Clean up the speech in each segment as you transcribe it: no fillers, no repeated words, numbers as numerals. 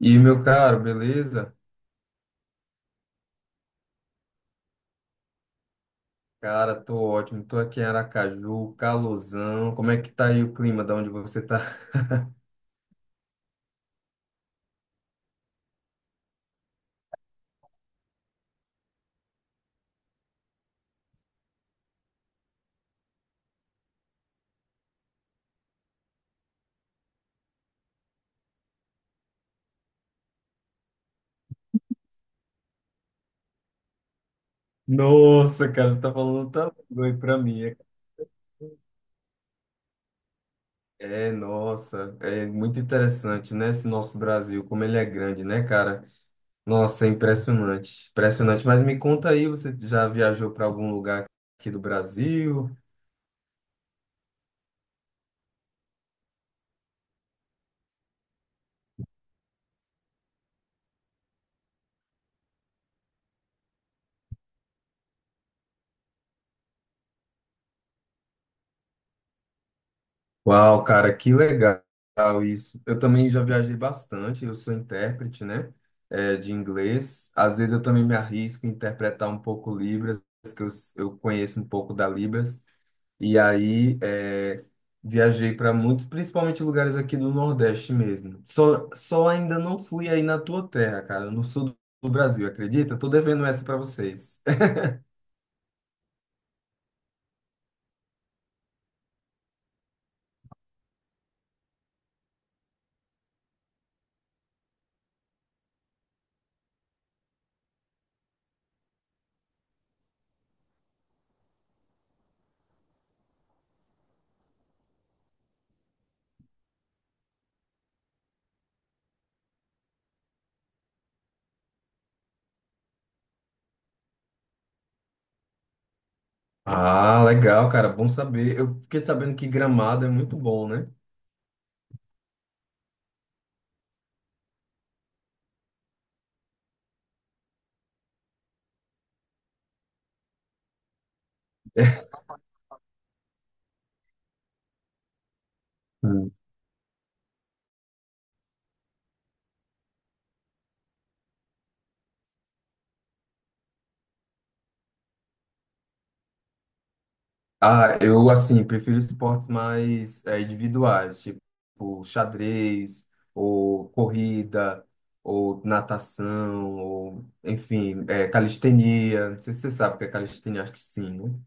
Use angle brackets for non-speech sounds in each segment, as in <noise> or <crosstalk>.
E meu caro, beleza? Cara, tô ótimo. Tô aqui em Aracaju, calorzão. Como é que tá aí o clima de onde você tá? <laughs> Nossa, cara, você tá falando tanto bem pra mim. É, nossa, é muito interessante, né? Esse nosso Brasil, como ele é grande, né, cara? Nossa, é impressionante, impressionante. Mas me conta aí, você já viajou para algum lugar aqui do Brasil? Uau, cara, que legal isso. Eu também já viajei bastante, eu sou intérprete, né, de inglês. Às vezes eu também me arrisco a interpretar um pouco Libras, que eu, eu conheço um pouco da Libras. E aí viajei para muitos, principalmente lugares aqui do Nordeste mesmo. Só ainda não fui aí na tua terra, cara, no sul do Brasil, acredita? Tô devendo essa para vocês. <laughs> Ah, legal, cara, bom saber. Eu fiquei sabendo que Gramado é muito bom, né? Ah, eu, assim, prefiro esportes mais é, individuais, tipo xadrez, ou corrida, ou natação, ou, enfim, é, calistenia. Não sei se você sabe o que é calistenia, acho que sim, né?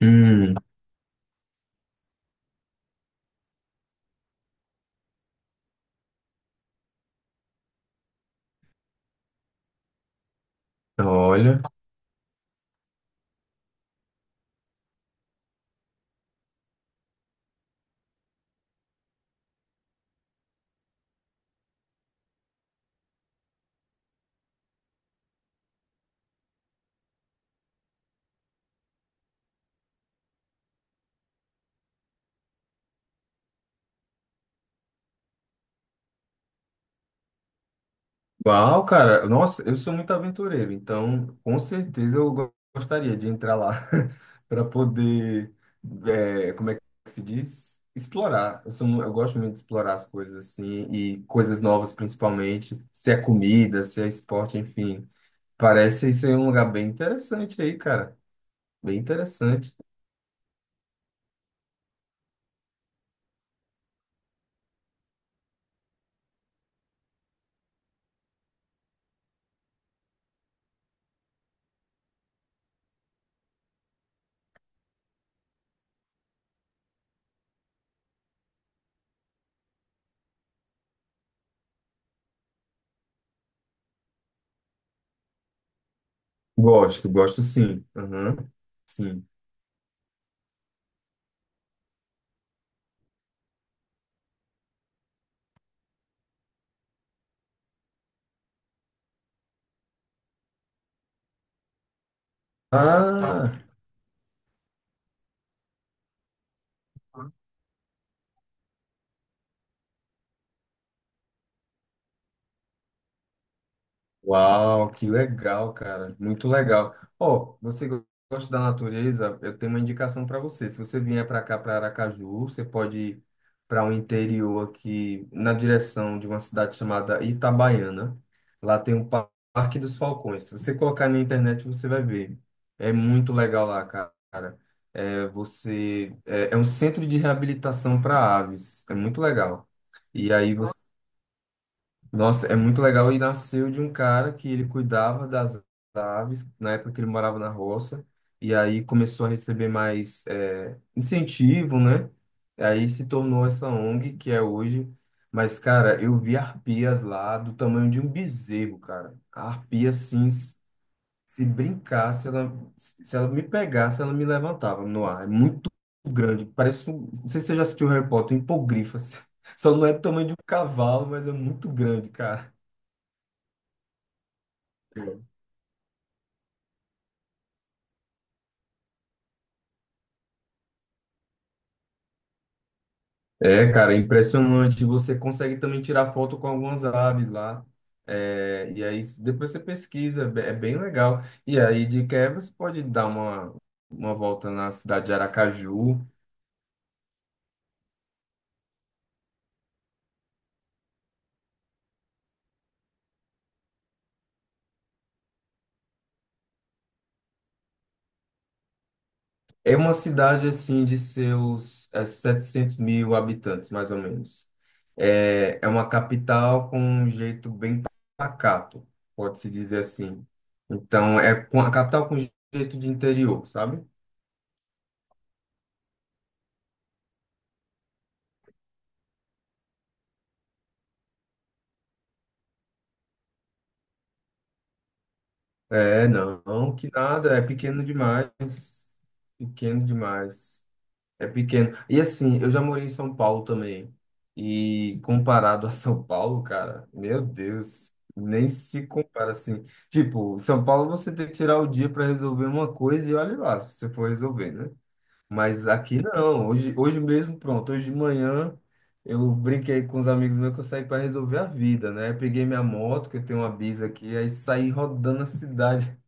Hum, olha. Uau, cara, nossa, eu sou muito aventureiro, então com certeza eu gostaria de entrar lá <laughs> para poder, é, como é que se diz? Explorar. Eu sou, eu gosto muito de explorar as coisas assim, e coisas novas principalmente, se é comida, se é esporte, enfim. Parece ser um lugar bem interessante aí, cara. Bem interessante. Gosto, gosto sim. Aham, sim. Ah, uau, que legal, cara. Muito legal. Ó, você gosta da natureza? Eu tenho uma indicação para você. Se você vier para cá, para Aracaju, você pode ir para um interior aqui na direção de uma cidade chamada Itabaiana. Lá tem um Parque dos Falcões. Se você colocar na internet, você vai ver. É muito legal lá, cara. É, você é, é um centro de reabilitação para aves. É muito legal. E aí você, nossa, é muito legal. E nasceu de um cara que ele cuidava das aves na época que ele morava na roça. E aí começou a receber mais é, incentivo, né? E aí se tornou essa ONG que é hoje. Mas, cara, eu vi arpias lá do tamanho de um bezerro, cara. A arpia, assim, se brincasse, ela, se ela me pegasse, ela me levantava no ar. É muito grande. Parece um. Não sei se você já assistiu Harry Potter, um hipogrifo, assim. <laughs> Só não é do tamanho de um cavalo, mas é muito grande, cara. É, cara, é impressionante. Você consegue também tirar foto com algumas aves lá. É, e aí depois você pesquisa, é é bem legal. E aí de quebra você pode dar uma volta na cidade de Aracaju. É uma cidade assim de seus é, 700 mil habitantes, mais ou menos. É, é uma capital com um jeito bem pacato, pode-se dizer assim. Então, é a capital com jeito de interior, sabe? É, não, não, que nada, é pequeno demais. Pequeno demais. É pequeno. E assim, eu já morei em São Paulo também. E comparado a São Paulo, cara, meu Deus, nem se compara assim. Tipo, São Paulo você tem que tirar o dia para resolver uma coisa e olha lá se você for resolver, né? Mas aqui não. Hoje mesmo, pronto. Hoje de manhã eu brinquei com os amigos meus que eu saí para resolver a vida, né? Eu peguei minha moto, que eu tenho uma Bis aqui, aí saí rodando a cidade. <laughs>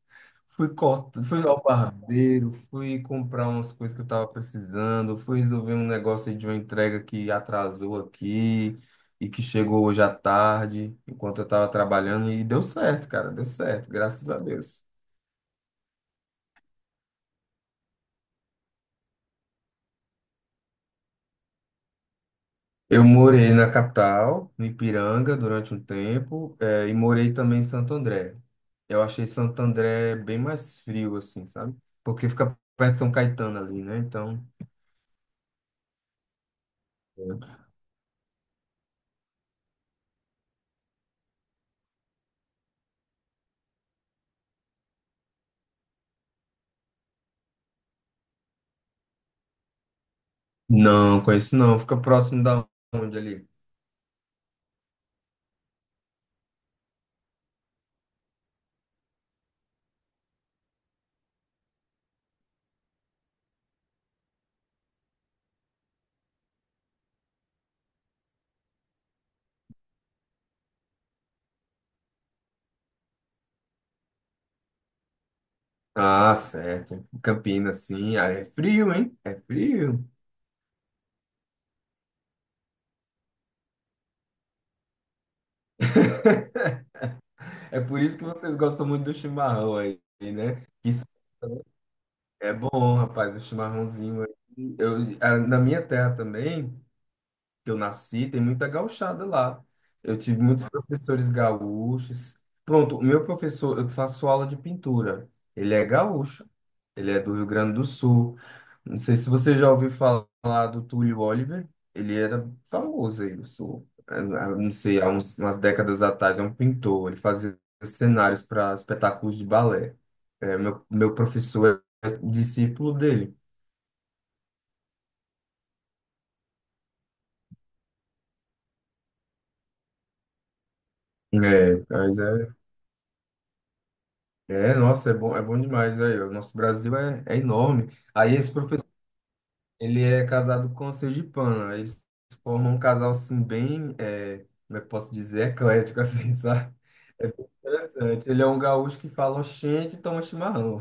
Fui corta, fui ao barbeiro, fui comprar umas coisas que eu tava precisando, fui resolver um negócio aí de uma entrega que atrasou aqui e que chegou hoje à tarde, enquanto eu tava trabalhando, e deu certo, cara, deu certo, graças a Deus. Eu morei na capital, no Ipiranga, durante um tempo, e morei também em Santo André. Eu achei Santo André bem mais frio, assim, sabe? Porque fica perto de São Caetano ali, né? Então, não, conheço não. Fica próximo da onde ali? Ah, certo. Campinas, sim. Ah, é frio, hein? É frio. <laughs> É por isso que vocês gostam muito do chimarrão aí, né? Que isso é bom, rapaz, o chimarrãozinho. Aí eu, na minha terra também, que eu nasci, tem muita gauchada lá. Eu tive muitos professores gaúchos. Pronto, o meu professor, eu faço aula de pintura. Ele é gaúcho, ele é do Rio Grande do Sul. Não sei se você já ouviu falar do Túlio Oliver. Ele era famoso aí do Sul. Não sei, umas décadas atrás, é um pintor. Ele fazia cenários para espetáculos de balé. É, meu professor é discípulo dele. É, mas é, é, nossa, é bom demais aí. O nosso Brasil é, é enorme. Aí esse professor, ele é casado com a sergipana. Aí eles formam um casal assim bem, é, como é que eu posso dizer, eclético assim, <laughs> sabe? É bem interessante. Ele é um gaúcho que fala oxente e toma chimarrão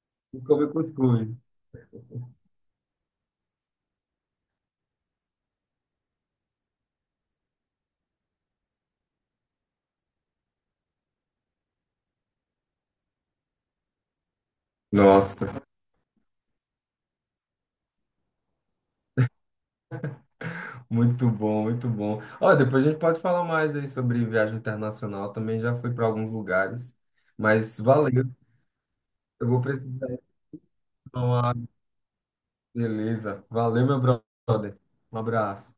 <laughs> e come cuscuz. Nossa, muito bom, muito bom. Ó, depois a gente pode falar mais aí sobre viagem internacional. Também já fui para alguns lugares, mas valeu. Eu vou precisar ir tomar uma. Beleza. Valeu, meu brother. Um abraço.